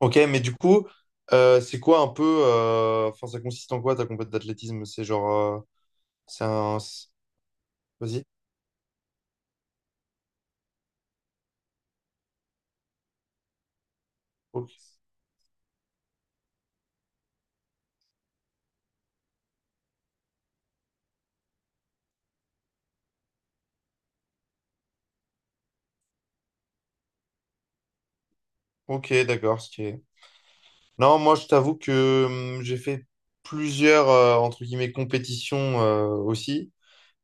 Ok, mais du coup, c'est quoi un peu. Enfin, ça consiste en quoi ta compète d'athlétisme? C'est genre. C'est un. C'est- Vas-y. Ok, Ok, d'accord. Non, moi, je t'avoue que j'ai fait plusieurs, entre guillemets, compétitions aussi,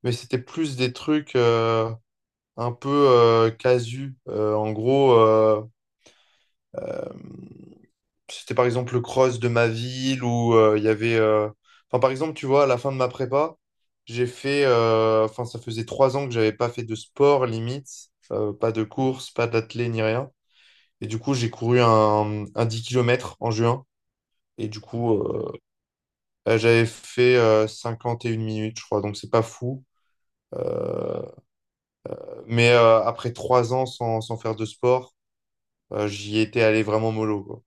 mais c'était plus des trucs un peu casu. En gros. Hum, C'était par exemple le cross de ma ville où il y avait. Enfin, par exemple, tu vois, à la fin de ma prépa, j'ai fait. Enfin, ça faisait 3 ans que j'avais pas fait de sport limite, pas de course, pas d'athlé ni rien. Et du coup, j'ai couru un 10 kilomètres en juin. Et du coup, j'avais fait 51 minutes, je crois. Donc, c'est pas fou. Euh, mais après 3 ans sans faire de sport, j'y étais allé vraiment mollo, quoi.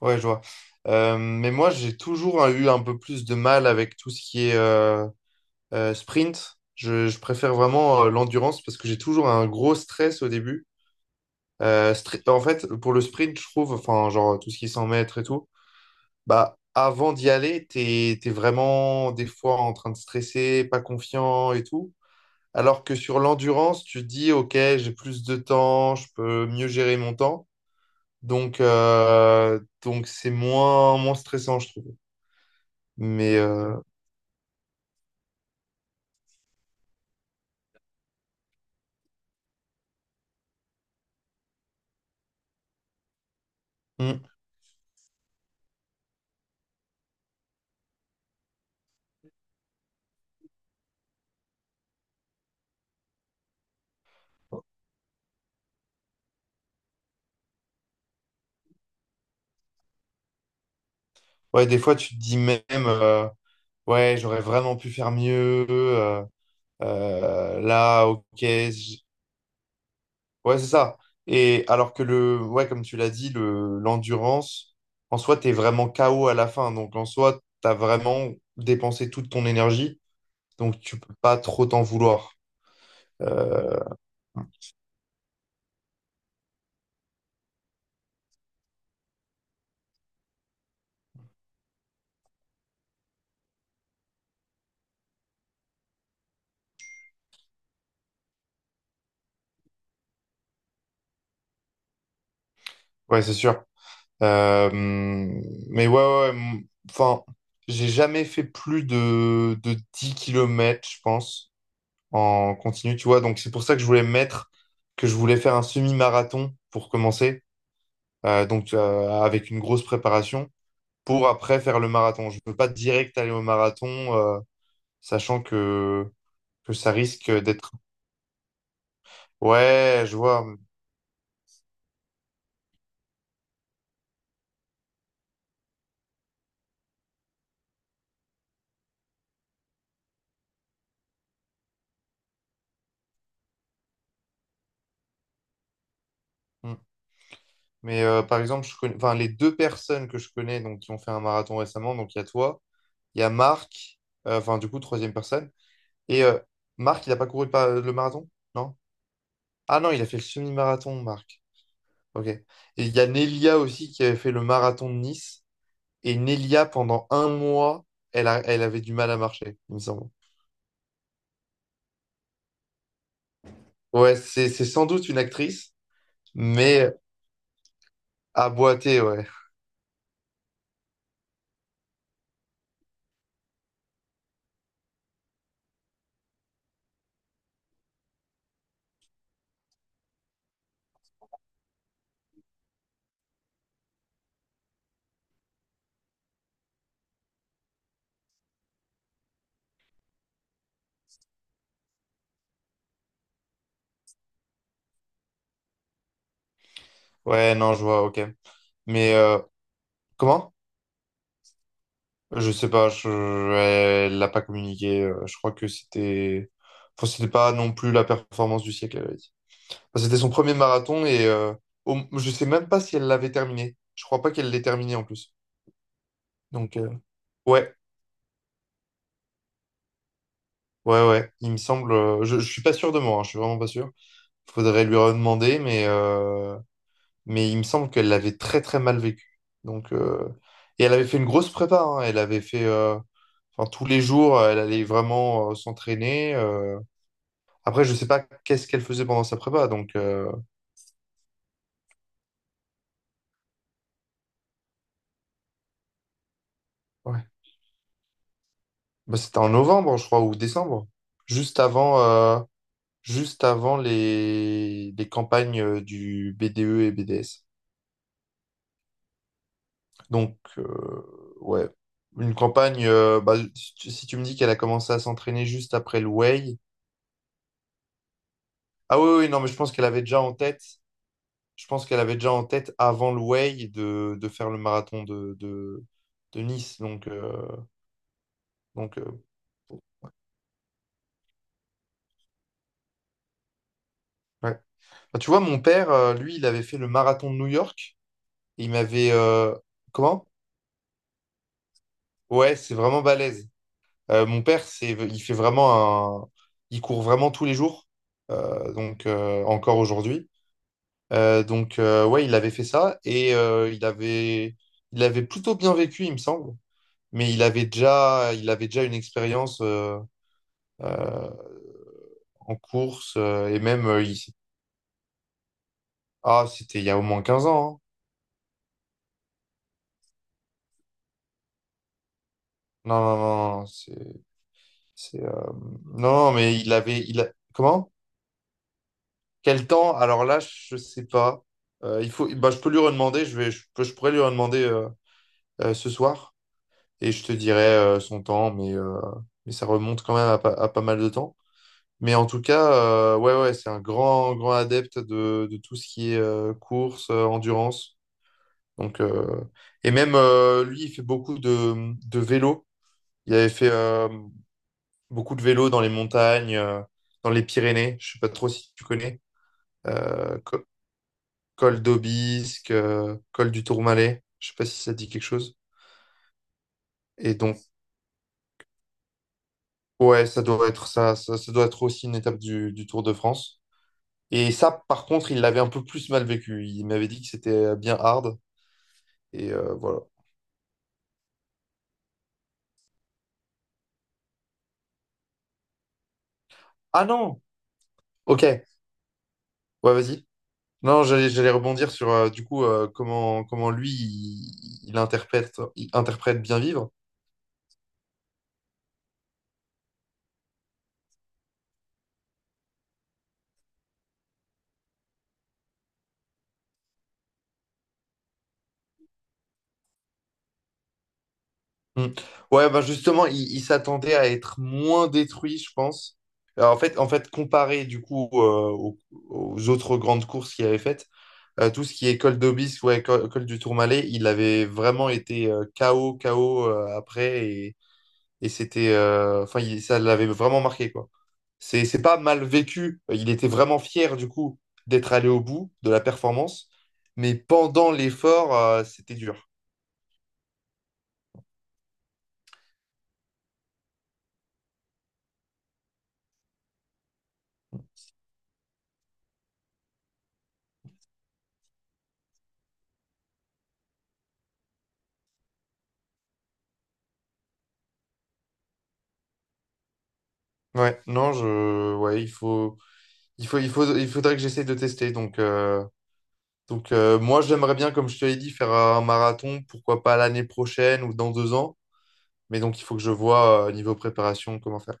Ouais, je vois. Mais moi, j'ai toujours eu un peu plus de mal avec tout ce qui est sprint. Je préfère vraiment l'endurance parce que j'ai toujours un gros stress au début. En fait, pour le sprint, je trouve, enfin, genre tout ce qui s'en mètres et tout, bah, avant d'y aller, t'es vraiment des fois en train de stresser, pas confiant et tout. Alors que sur l'endurance, tu te dis, OK, j'ai plus de temps, je peux mieux gérer mon temps. Donc c'est moins stressant, je trouve. Mais euh, hmm. Ouais, des fois, tu te dis même, euh, ouais, j'aurais vraiment pu faire mieux. Là, ok. Ouais, c'est ça. Et alors que ouais, comme tu l'as dit, l'endurance, en soi, t'es vraiment KO à la fin. Donc, en soi, t'as vraiment dépensé toute ton énergie. Donc, tu peux pas trop t'en vouloir. Euh, ouais, c'est sûr. Mais ouais, ouais, ouais, enfin, j'ai jamais fait plus de 10 kilomètres, je pense, en continu, tu vois. Donc c'est pour ça que je voulais me mettre, que je voulais faire un semi-marathon pour commencer, avec une grosse préparation, pour après faire le marathon. Je ne veux pas direct aller au marathon, euh, sachant que, ça risque d'être... Ouais, je vois. Mm. Par exemple, je connais... enfin, les deux personnes que je connais donc, qui ont fait un marathon récemment. Donc il y a toi, il y a Marc, enfin du coup, troisième personne, et euh, Marc, il n'a pas couru le marathon? Non. Ah non, il a fait le semi-marathon, Marc. Ok. Et il y a Nelia aussi qui avait fait le marathon de Nice. Et Nelia, pendant 1 mois, elle avait du mal à marcher, il me semble. Ouais, c'est sans doute une actrice, mais à boiter, ouais. Ouais, non, je vois, ok. Mais comment? Je sais pas, elle l'a pas communiqué. Je crois que c'était... Enfin, c'était pas non plus la performance du siècle, elle avait dit. Enfin, c'était son premier marathon et je sais même pas si elle l'avait terminé. Je crois pas qu'elle l'ait terminé en plus. Donc, ouais. Ouais, ouais, il me semble. Je suis pas sûr de moi, hein, je suis vraiment pas sûr. Faudrait lui redemander, mais il me semble qu'elle l'avait très très mal vécu. Donc, et elle avait fait une grosse prépa, hein. Elle avait fait. Enfin, tous les jours, elle allait vraiment s'entraîner. Après, je sais pas qu'est-ce qu'elle faisait pendant sa prépa. Donc, ouais. Bah, c'était en novembre, je crois, ou décembre. Juste avant, euh, juste avant les campagnes du BDE et BDS. Donc, ouais, une campagne, bah, si tu me dis qu'elle a commencé à s'entraîner juste après le Way. Ah oui, oui, non, mais je pense qu'elle avait déjà en tête, je pense qu'elle avait déjà en tête avant le Way de faire le marathon de Nice. Donc, donc euh, ouais. Bah, tu vois, mon père, lui, il avait fait le marathon de New York. Et il m'avait. Comment? Ouais, c'est vraiment balèze. Mon père, il fait vraiment un. Il court vraiment tous les jours. Encore aujourd'hui. Ouais, il avait fait ça et il avait plutôt bien vécu, il me semble. Mais il avait déjà une expérience euh, en course, et même, ah, c'était il y a au moins 15 ans, hein. Non, non, non, non, c'est, euh, non, mais il avait, comment? Quel temps? Alors là, je sais pas. Il faut, bah, je peux lui redemander. Je vais, je, peux- Je pourrais lui redemander ce soir et je te dirai son temps, mais ça remonte quand même à pas mal de temps. Mais en tout cas, ouais, ouais, c'est un grand, grand adepte de tout ce qui est course, endurance. Donc, et même lui, il fait beaucoup de vélo. Il avait fait beaucoup de vélo dans les montagnes, dans les Pyrénées. Je sais pas trop si tu connais. Euh, co- Col d'Aubisque, col du Tourmalet. Je sais pas si ça te dit quelque chose. Et donc, ouais, ça doit être ça, ça doit être aussi une étape du Tour de France. Et ça, par contre, il l'avait un peu plus mal vécu. Il m'avait dit que c'était bien hard. Et voilà. Ah non! Ok. Ouais, vas-y. Non, j'allais rebondir sur comment lui il interprète bien vivre. Hmm. Ouais, bah justement, il s'attendait à être moins détruit, je pense. Alors, en fait, comparé du coup aux, aux autres grandes courses qu'il avait faites, tout ce qui est col d'Aubis ou col du Tourmalet, il avait vraiment été KO, KO après et c'était, enfin, ça l'avait vraiment marqué quoi. C'est pas mal vécu. Il était vraiment fier du coup d'être allé au bout de la performance, mais pendant l'effort, c'était dur. Ouais, non, ouais, il faudrait que j'essaie de tester. Donc, moi, j'aimerais bien, comme je te l'ai dit, faire un marathon, pourquoi pas l'année prochaine ou dans 2 ans. Mais donc, il faut que je vois niveau préparation comment faire.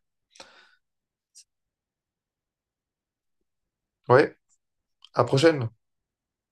Ouais, à prochaine.